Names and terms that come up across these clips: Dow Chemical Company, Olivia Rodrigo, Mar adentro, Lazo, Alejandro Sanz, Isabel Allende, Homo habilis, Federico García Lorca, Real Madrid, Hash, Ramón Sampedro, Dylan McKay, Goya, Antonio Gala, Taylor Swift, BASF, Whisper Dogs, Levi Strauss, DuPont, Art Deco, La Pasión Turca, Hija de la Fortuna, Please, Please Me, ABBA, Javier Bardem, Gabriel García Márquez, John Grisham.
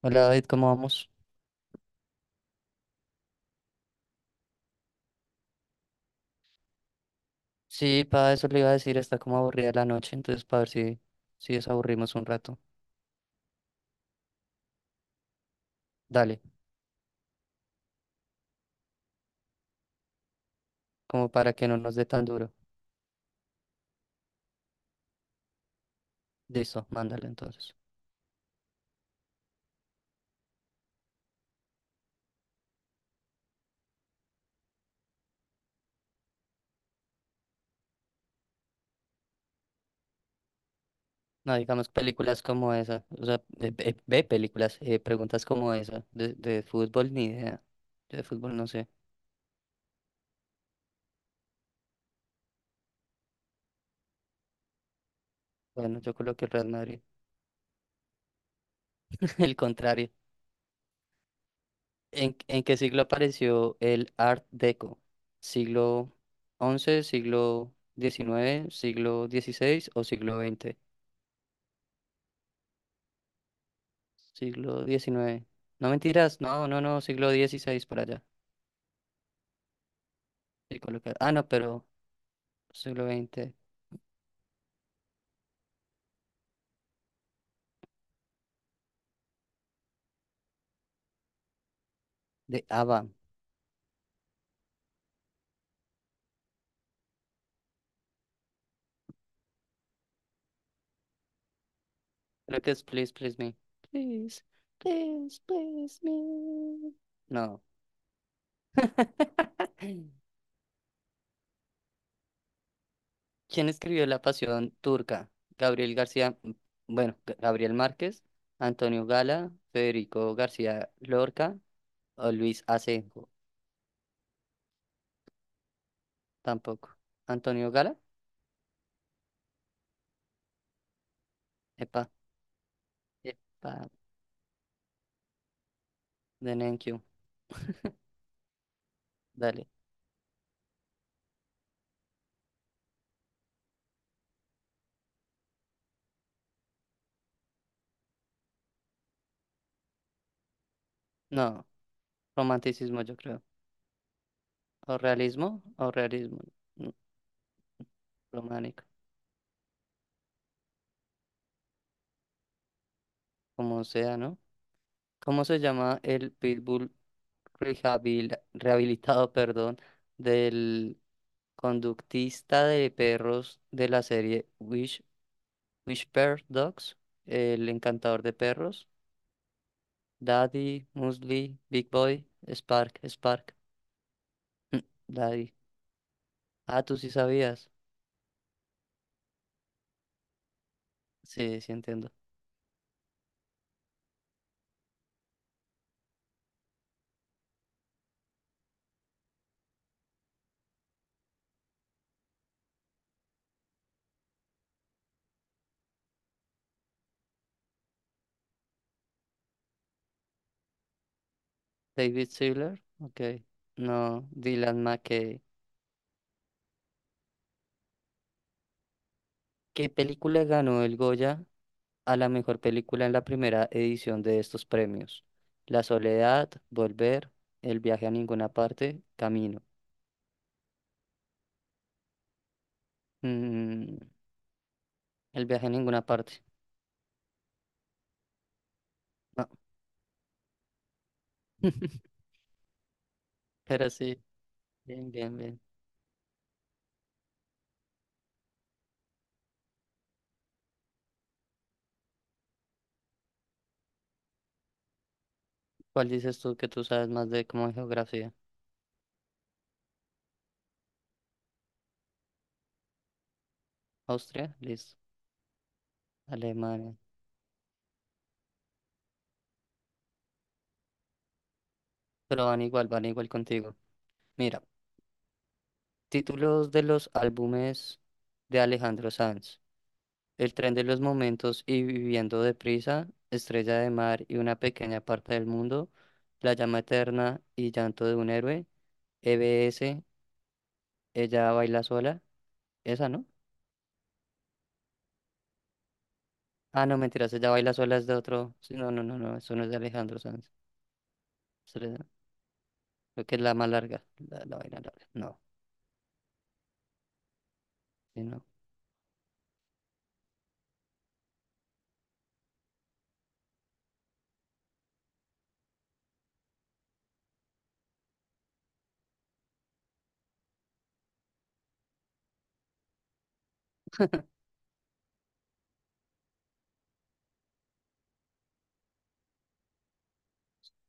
Hola David, ¿cómo vamos? Sí, para eso le iba a decir, está como aburrida la noche, entonces para ver si desaburrimos un rato. Dale, como para que no nos dé tan duro. Listo, mándale entonces. No, digamos películas como esa, o sea, ve, ve películas, preguntas como esa, de fútbol ni idea. Yo de fútbol no sé. Bueno, yo coloqué el Real Madrid, el contrario. ¿En qué siglo apareció el Art Deco? ¿Siglo once, siglo diecinueve, siglo dieciséis o siglo veinte? Siglo diecinueve. No mentiras, no, siglo dieciséis por allá. Sí, colocar- Ah, no, pero siglo veinte de ABBA. Look at Please, Please Me. Please, please, please me. No. ¿Quién escribió La Pasión Turca? Gabriel García, bueno, G- Gabriel Márquez, Antonio Gala, Federico García Lorca o Luis Asenjo. Tampoco. Antonio Gala, epa, epa, de Nenkiu, dale. No. Romanticismo, yo creo. O realismo, o realismo, mm, románico, como sea, ¿no? ¿Cómo se llama el pitbull rehabilitado, perdón, del conductista de perros de la serie Wish, Whisper Dogs? El encantador de perros. Daddy, Muesli, Big Boy, Spark. mm, Daddy. Ah, tú sí sabías. Sí, sí entiendo. David Sealer, ok. No, Dylan McKay. ¿Qué película ganó el Goya a la mejor película en la primera edición de estos premios? La soledad, Volver, El viaje a ninguna parte, Camino. Mm, el viaje a ninguna parte. No. Pero sí, bien. ¿Cuál dices tú, que tú sabes más de como de geografía? Austria, listo. Alemania. Pero van igual contigo. Mira, títulos de los álbumes de Alejandro Sanz. El tren de los momentos y viviendo deprisa, estrella de mar y una pequeña parte del mundo, la llama eterna y llanto de un héroe, E B S, ella baila sola, esa no. Ah, no, mentiras, ella baila sola es de otro. Sí, no, eso no es de Alejandro Sanz. Estrella- Creo que es la más larga, la vaina larga. No, sí, no,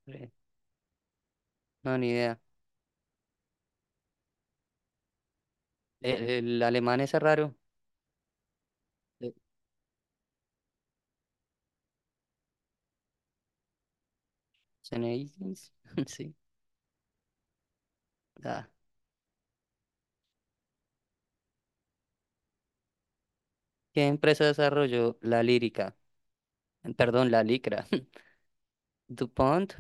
eh, no, ni idea. El alemán es raro. eh, Zeneidis, sí. Ah. ¿Qué empresa desarrolló la lírica? Perdón, la licra. DuPont,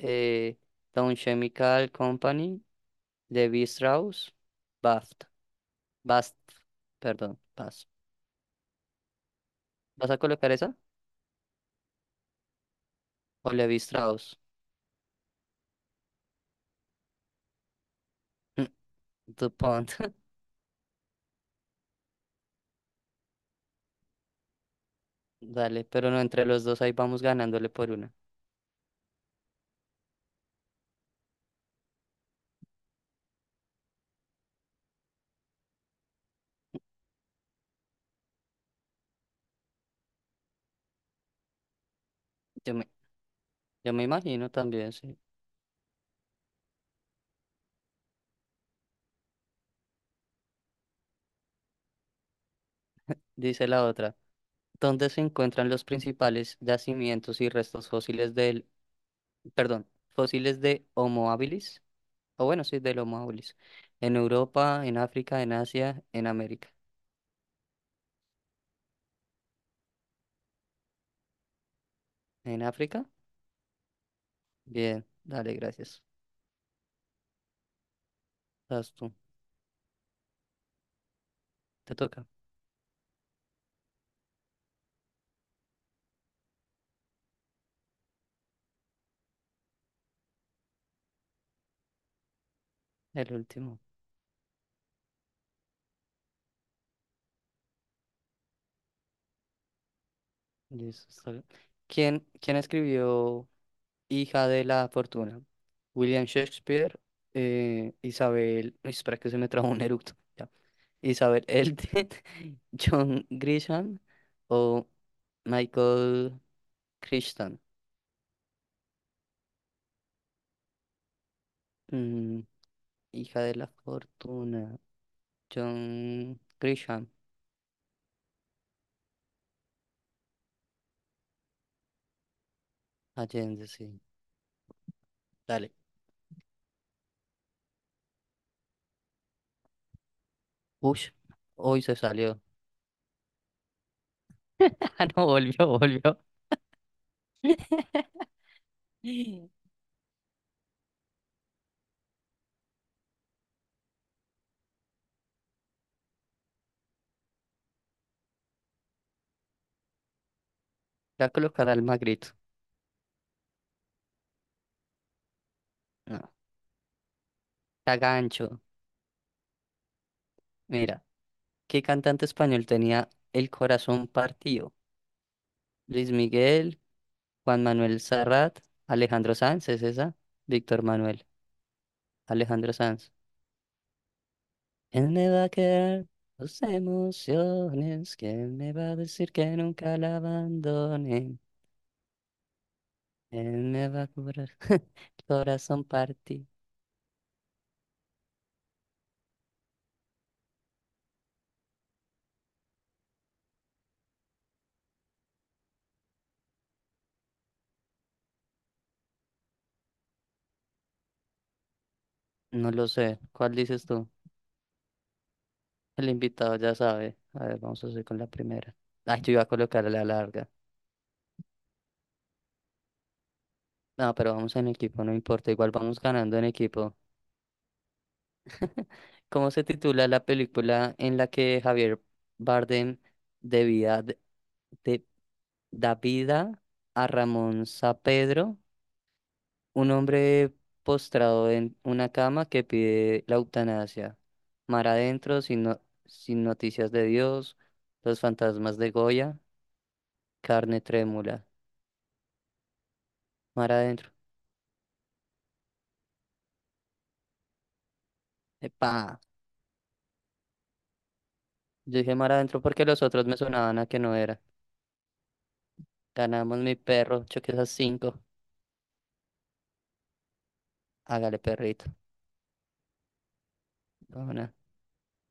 eh, Dow Chemical Company, levi Strauss, BASF, BASF, perdón, BASF. ¿Vas a colocar esa? O Levi Strauss. DuPont. Dale, pero no, entre los dos ahí vamos ganándole por una. Yo me, yo me imagino también, sí. Dice la otra, ¿dónde se encuentran los principales yacimientos y restos fósiles del, perdón, fósiles de Homo habilis? O bueno, sí, del Homo habilis. En Europa, en África, en Asia, en América. ¿En África? Bien, dale, gracias. Vas tú. Te toca. El último. Listo, está bien. ¿Quién escribió Hija de la Fortuna? William Shakespeare, Isabel. Uy, espera que se me trajo un eructo. Ya. Isabel Elton, John Grisham o Michael Crichton. Mm, Hija de la Fortuna. John Grisham. Allende, sí. Dale. Ush, hoy se salió. Ah, no, volvió. Le voy a colocar al Magrito. No, Cagancho. Mira, ¿qué cantante español tenía el corazón partido? Luis Miguel, Juan Manuel Serrat, Alejandro Sanz, ¿es esa? Víctor Manuel, Alejandro Sanz. ¿Quién me va a quedar tus emociones? ¿Quién me va a decir que nunca la abandonen? ¿Quién me va a curar corazón partido? No lo sé. ¿Cuál dices tú? El invitado ya sabe. A ver, vamos a hacer con la primera. Ay, yo iba a colocar a la larga. No, pero vamos en equipo, no importa, igual vamos ganando en equipo. ¿Cómo se titula la película en la que Javier Bardem debía de, de- da vida a Ramón Sampedro, un hombre postrado en una cama que pide la eutanasia? Mar adentro, sin noticias de Dios, los fantasmas de Goya, carne trémula. Mar adentro. ¡Epa! Yo dije mar adentro porque los otros me sonaban a que no era. Ganamos mi perro, choque esas cinco. Hágale, perrito. Vámonos.